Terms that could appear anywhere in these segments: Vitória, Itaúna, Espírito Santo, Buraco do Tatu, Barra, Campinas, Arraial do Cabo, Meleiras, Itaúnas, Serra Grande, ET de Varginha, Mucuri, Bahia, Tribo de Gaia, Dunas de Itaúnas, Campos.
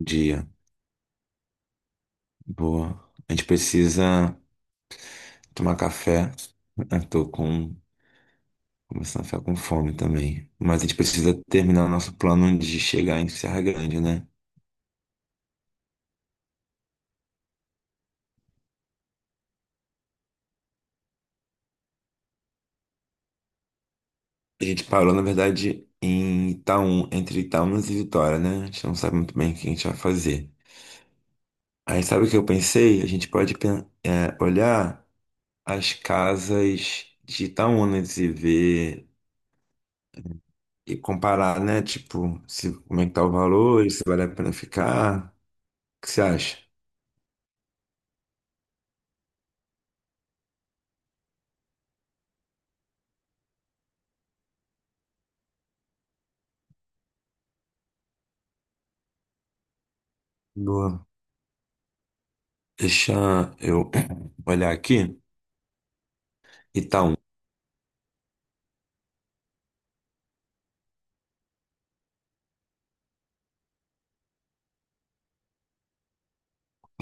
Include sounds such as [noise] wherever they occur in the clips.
Dia. Boa. A gente precisa tomar café. Eu tô com... começando a ficar com fome também. Mas a gente precisa terminar o nosso plano de chegar em Serra Grande, né? A gente parou, na verdade, em Itaúna, entre Itaúnas e Vitória, né? A gente não sabe muito bem o que a gente vai fazer. Aí sabe o que eu pensei? A gente pode olhar as casas de Itaúnas e ver e comparar, né? Tipo, se, como é que tá o valor, e se vale a pena ficar. Que você acha? Boa. Deixa eu [clears throat] olhar aqui. Itaú.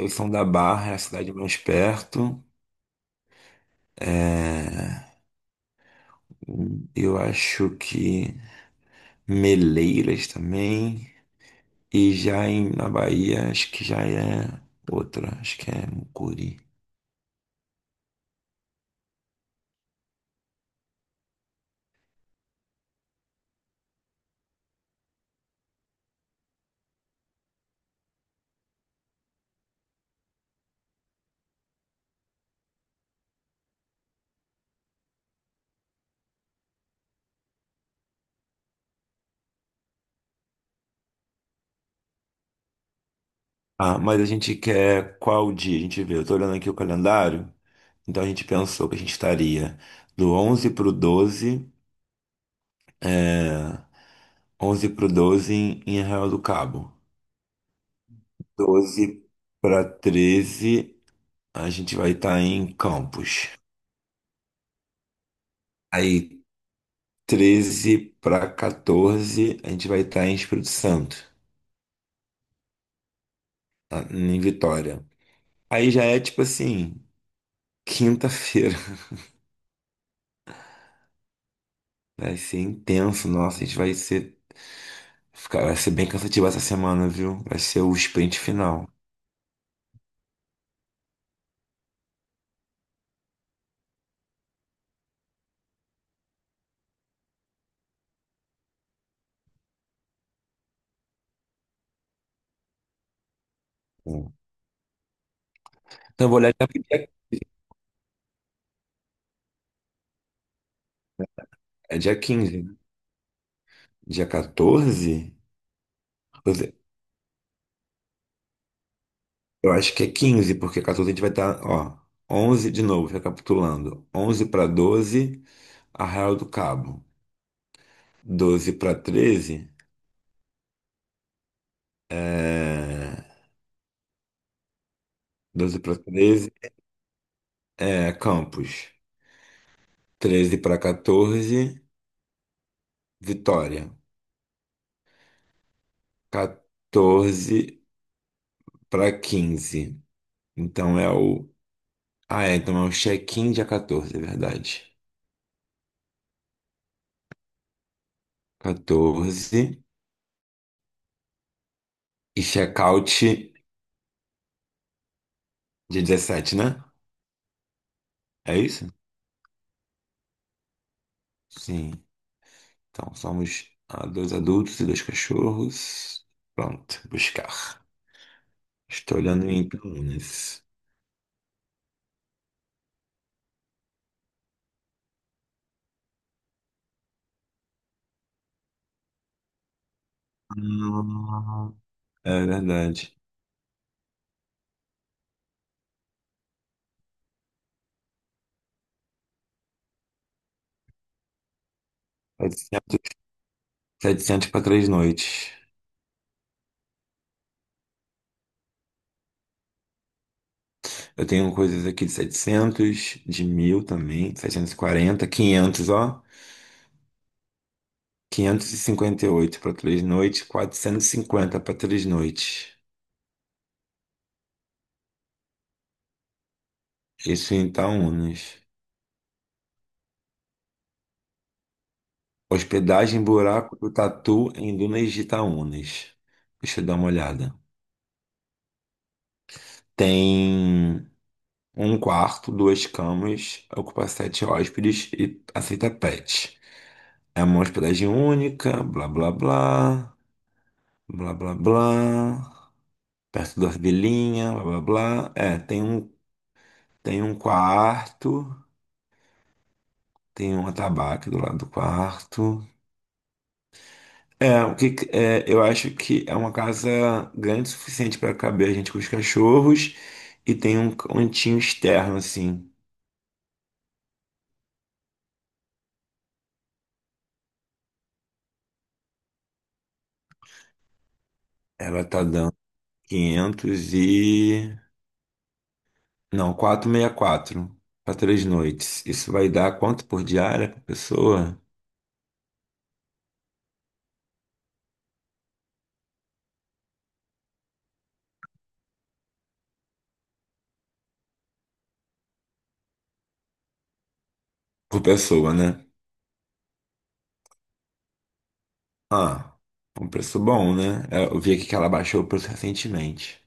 São da Barra, é a cidade mais perto. É, eu acho que Meleiras também. E já na Bahia, acho que já é outra. Acho que é Mucuri. Ah, mas a gente quer qual dia? A gente vê. Eu tô olhando aqui o calendário. Então a gente pensou que a gente estaria do 11 pro 12. É... 11 pro 12 em Arraial do Cabo. Doze para 13 a gente vai estar em Campos. Aí, 13 para 14, a gente vai estar em Espírito Santo, tá? Em Vitória. Aí já é tipo assim, quinta-feira. [laughs] Vai ser intenso, nossa, a gente vai ser... Vai ser bem cansativo essa semana, viu? Vai ser o sprint final. Hum. Então, eu vou olhar dia, é dia 15, né? Dia 14? Eu eu acho que é quinze porque 14 a gente vai estar, ó, 11 de novo, recapitulando. Onze para 12, Arraial do Cabo. Doze para 13, é 12 para treze, é Campos. Treze para 14, Vitória. 14 para quinze. Então é o... Ah, é, então é o check-in dia 14, é verdade. 14 e check-out dia dezessete, né? É isso? Sim. Então somos, ah, dois adultos e dois cachorros. Pronto, buscar. Estou olhando em Campinas. Ah, é verdade. Setecentos 700 para três noites. Eu tenho coisas aqui de 700, de 1.000 também, 740, 500, ó. Quinhentos e cinquenta e oito para três noites, 450 para três noites. Isso em Itaúnas. Hospedagem Buraco do Tatu em Dunas de Itaúnas. Deixa eu dar uma olhada. Tem um quarto, duas camas, ocupa sete hóspedes e aceita pet. É uma hospedagem única, blá blá blá. Blá, blá, blá. Perto das vilinhas, blá, blá, blá. É, tem um quarto, tem um atabaque do lado do quarto. É, eu acho que é uma casa grande o suficiente para caber a gente com os cachorros e tem um cantinho externo, assim. Ela tá dando 500 e... não, quatrocentos e sessenta e quatro para três noites. Isso vai dar quanto por diária por pessoa? Por pessoa, né? Ah, um preço bom, né? É, eu vi aqui que ela baixou o preço recentemente.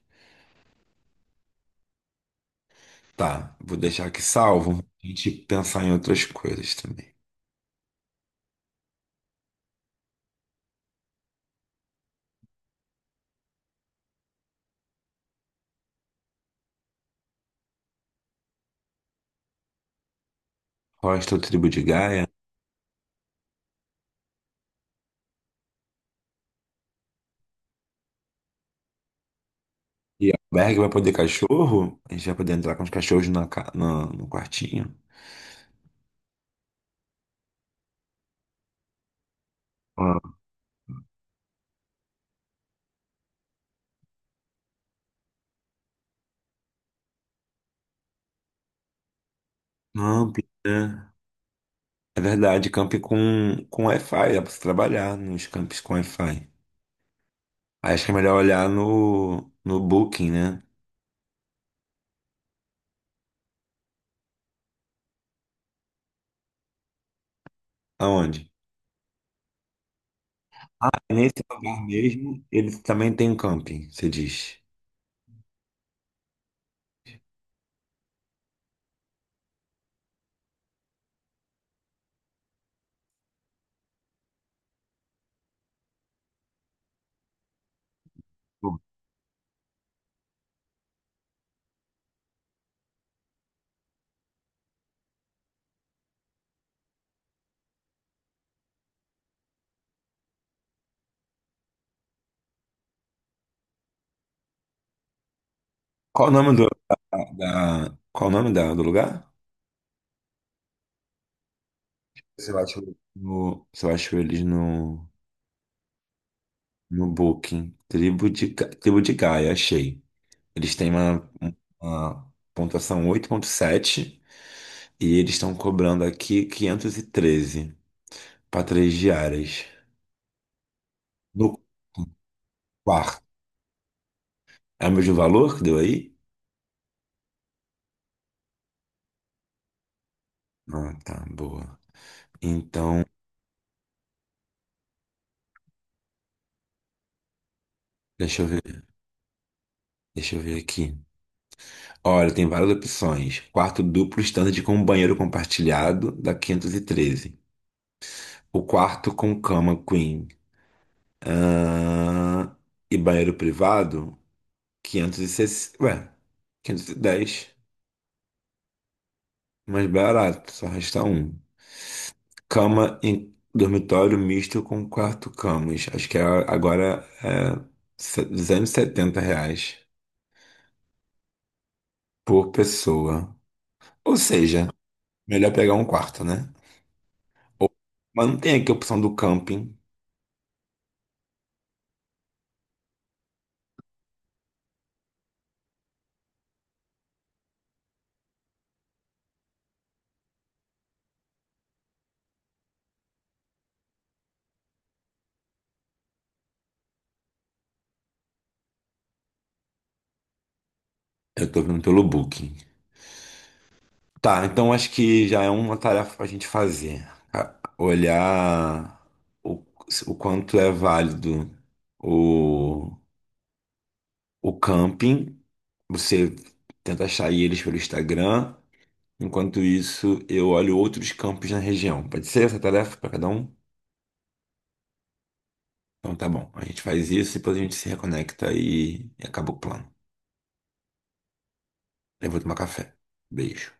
Tá, vou deixar aqui salvo. A gente pensar em outras coisas também. Hostel Tribo de Gaia. E albergue vai poder cachorro? A gente vai poder entrar com os cachorros na, no quartinho. Ah, Camp, né? É verdade, camp com Wi-Fi. Dá pra você trabalhar nos campos com Wi-Fi. Aí acho que é melhor olhar no, no Booking, né? Aonde? Ah, nesse lugar mesmo, eles também tem um camping, você diz. Qual o nome do, qual o nome da, do lugar? Você acha no, você acha eles no Booking. Tribo de Gaia, achei. Eles têm uma pontuação oito ponto sete e eles estão cobrando aqui 513 para três diárias. No quarto. É o mesmo valor que deu aí? Ah, tá, boa. Então, deixa eu ver, deixa eu ver aqui. Olha, tem várias opções. Quarto duplo standard com um banheiro compartilhado da 513. O quarto com cama queen. Ahn, e banheiro privado, 560. Ué, 510. Mais barato, só resta um. Cama em dormitório misto com quarto camas. Agora é R$ 270 por pessoa. Ou seja, melhor pegar um quarto, né? Ou... mas não tem aqui a opção do camping. Eu tô vendo pelo Booking. Tá, então acho que já é uma tarefa pra gente fazer. Olhar o, o quanto é válido o, o camping. Você tenta achar eles pelo Instagram. Enquanto isso, eu olho outros campos na região. Pode ser essa tarefa pra cada um? Então tá bom. A gente faz isso e depois a gente se reconecta e acaba o plano. Eu vou tomar café. Beijo.